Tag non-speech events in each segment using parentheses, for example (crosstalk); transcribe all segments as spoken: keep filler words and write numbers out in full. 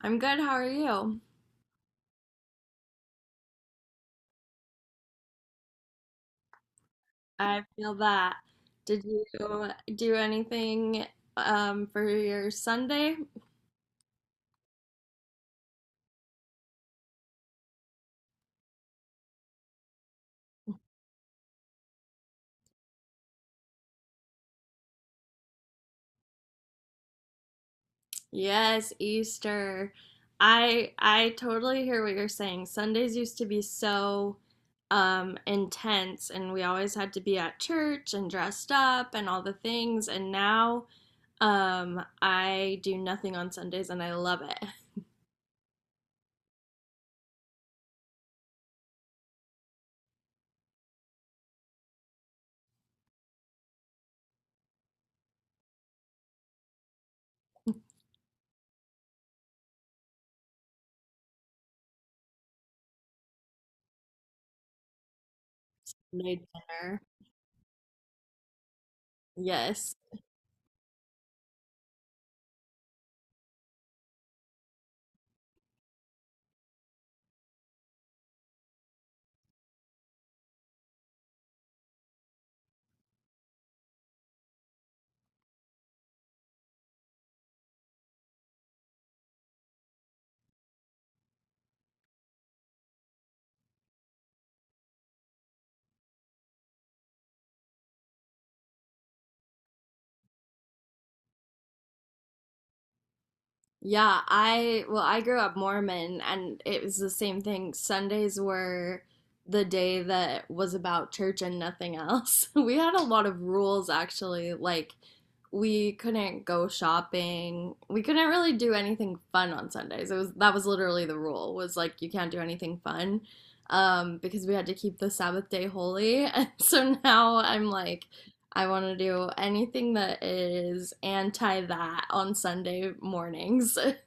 I'm good. How are you? I feel that. Did you do anything um, for your Sunday? Yes, Easter. I I totally hear what you're saying. Sundays used to be so um, intense, and we always had to be at church and dressed up and all the things. And now um, I do nothing on Sundays, and I love it. Made dinner. Yes. Yeah, I well, I grew up Mormon and it was the same thing. Sundays were the day that was about church and nothing else. (laughs) We had a lot of rules actually, like we couldn't go shopping. We couldn't really do anything fun on Sundays. It was that was literally the rule was like you can't do anything fun um because we had to keep the Sabbath day holy. (laughs) And so now I'm like I want to do anything that is anti that on Sunday mornings. (laughs) That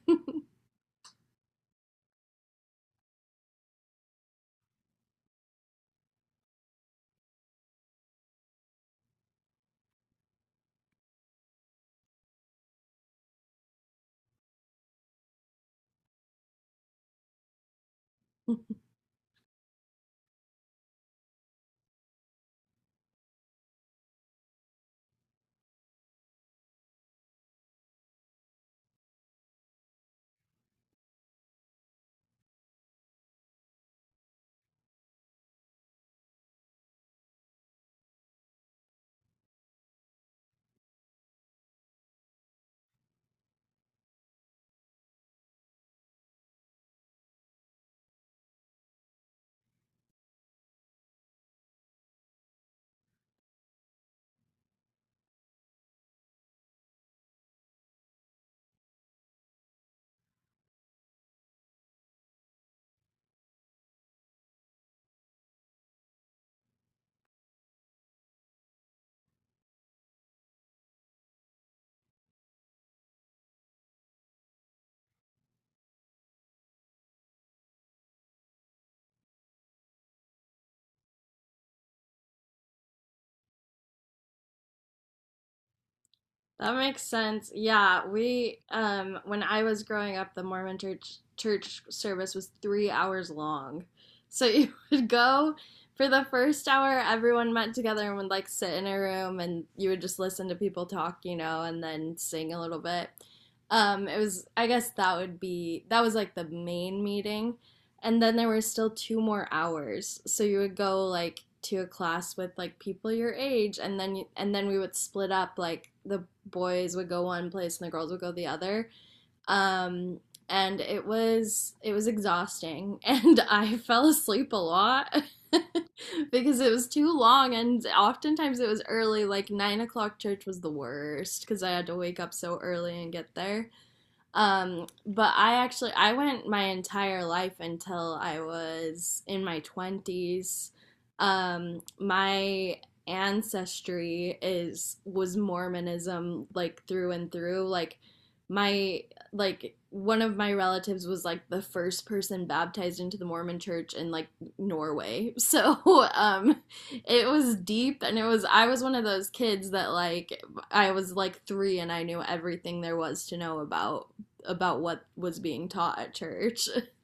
makes sense. Yeah, we um when I was growing up, the Mormon church church service was three hours long. So (laughs) you would go for the first hour. Everyone met together and would like sit in a room, and you would just listen to people talk, you know, and then sing a little bit. Um it was, I guess that would be, that was like the main meeting, and then there were still two more hours. So you would go like to a class with like people your age, and then you, and then we would split up. Like the boys would go one place and the girls would go the other. Um, and it was it was exhausting, (laughs) and I fell asleep a lot. (laughs) Because it was too long and oftentimes it was early. Like nine o'clock church was the worst because I had to wake up so early and get there, um, but I actually I went my entire life until I was in my twenties. Um, my ancestry is was Mormonism, like through and through. Like my like one of my relatives was like the first person baptized into the Mormon church in like Norway. (laughs) So um it was deep, and it was I was one of those kids that like I was like three and I knew everything there was to know about about what was being taught at church. (laughs)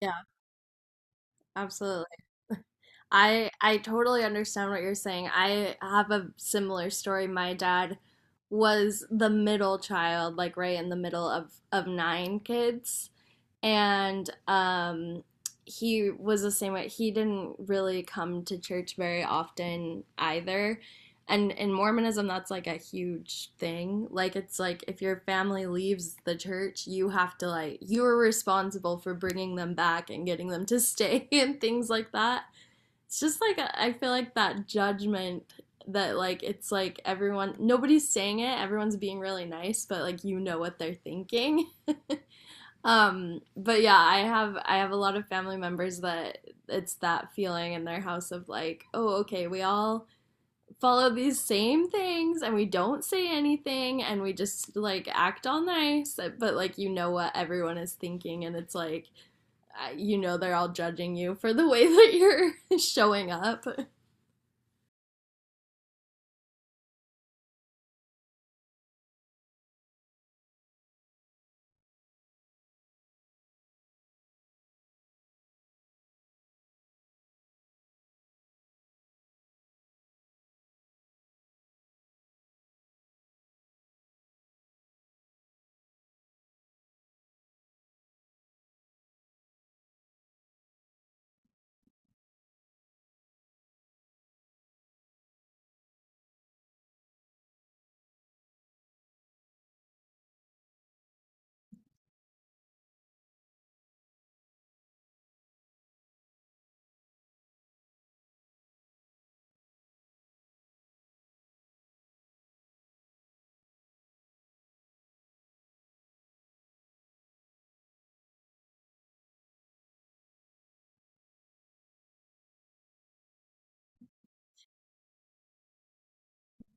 Yeah, absolutely. I I totally understand what you're saying. I have a similar story. My dad was the middle child, like right in the middle of of nine kids. And um he was the same way. He didn't really come to church very often either. And in Mormonism, that's like a huge thing. Like, it's like if your family leaves the church, you have to, like, you're responsible for bringing them back and getting them to (laughs) stay and things like that. It's just like, I feel like that judgment that, like, it's like everyone, nobody's saying it, everyone's being really nice, but, like, you know what they're thinking. (laughs) Um, but yeah, I have I have a lot of family members that it's that feeling in their house of like, oh, okay, we all follow these same things and we don't say anything and we just like act all nice, but like you know what everyone is thinking, and it's like uh, you know, they're all judging you for the way that you're (laughs) showing up.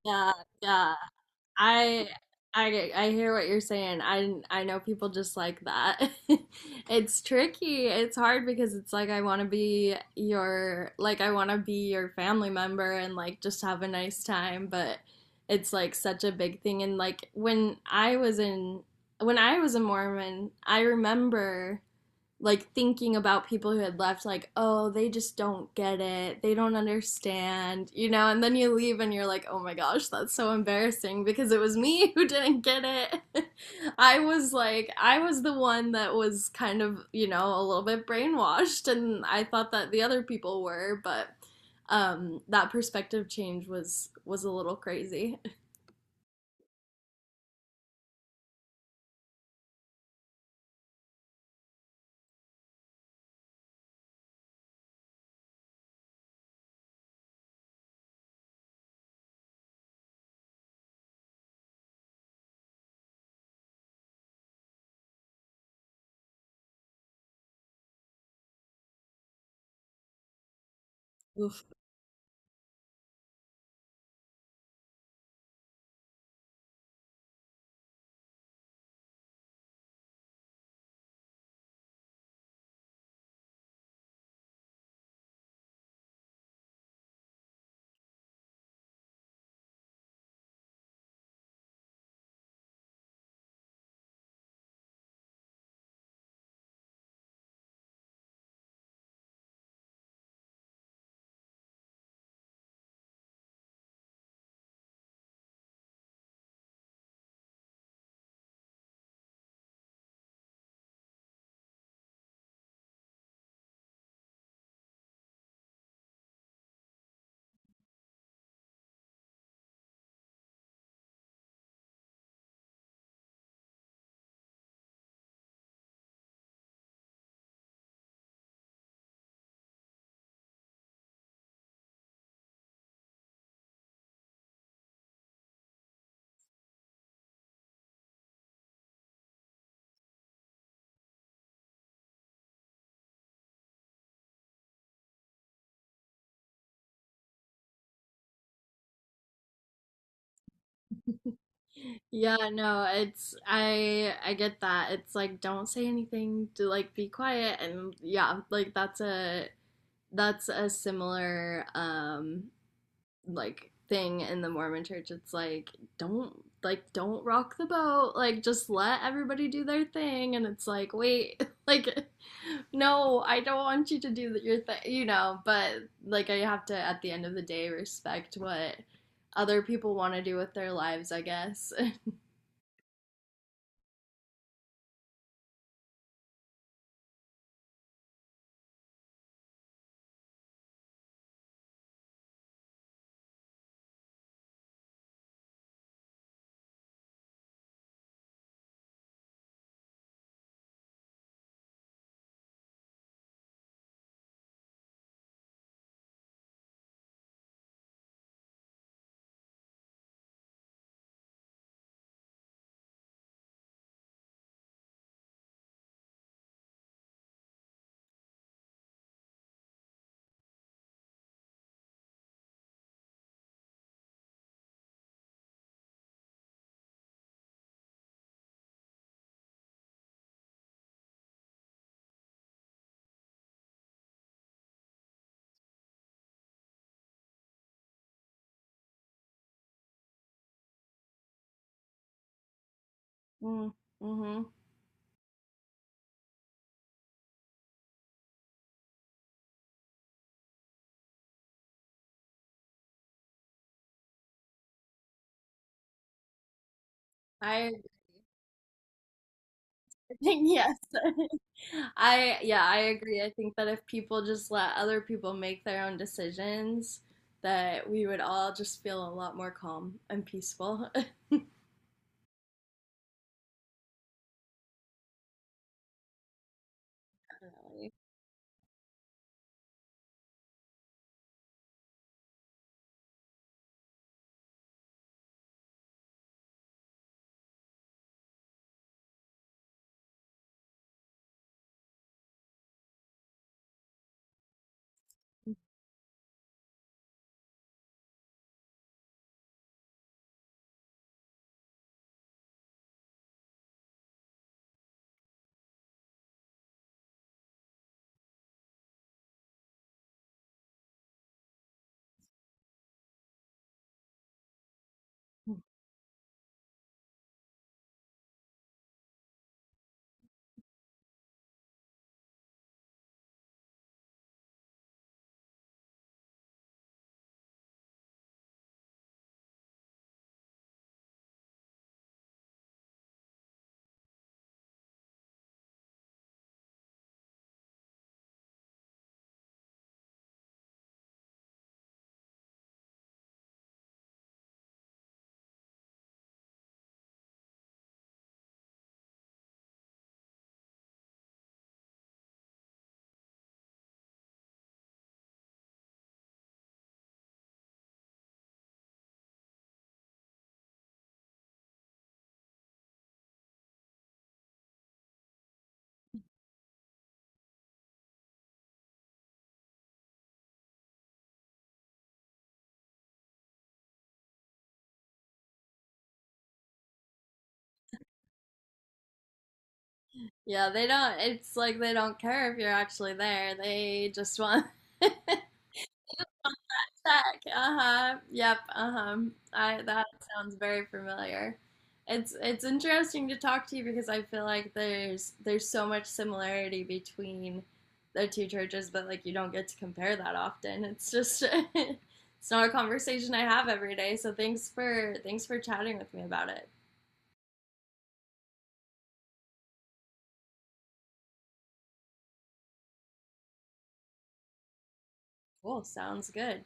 Yeah, yeah. I I I hear what you're saying. I I know people just like that. (laughs) It's tricky. It's hard because it's like I want to be your like I want to be your family member and like just have a nice time, but it's like such a big thing. And like when I was in when I was a Mormon, I remember like thinking about people who had left, like, oh, they just don't get it, they don't understand, you know. And then you leave and you're like, oh my gosh, that's so embarrassing, because it was me (laughs) who didn't get it. (laughs) I was like, I was the one that was kind of, you know, a little bit brainwashed, and I thought that the other people were. But um that perspective change was was a little crazy. (laughs) Oof. Yeah, no, it's I I get that. It's like don't say anything to like be quiet, and yeah, like that's a that's a similar um like thing in the Mormon church. It's like don't like don't rock the boat. Like just let everybody do their thing, and it's like wait, (laughs) like no, I don't want you to do your thing, you know, but like I have to at the end of the day respect what other people want to do with their lives, I guess. Mm, mhm. I (laughs) think yes. (laughs) I yeah, I agree. I think that if people just let other people make their own decisions, that we would all just feel a lot more calm and peaceful. (laughs) Yeah, they don't. It's like they don't care if you're actually there. They just want (laughs) check. Uh-huh. Yep. Uh-huh. I that sounds very familiar. It's it's interesting to talk to you because I feel like there's there's so much similarity between the two churches, but like you don't get to compare that often. It's just (laughs) it's not a conversation I have every day. So thanks for thanks for chatting with me about it. Cool. Sounds good.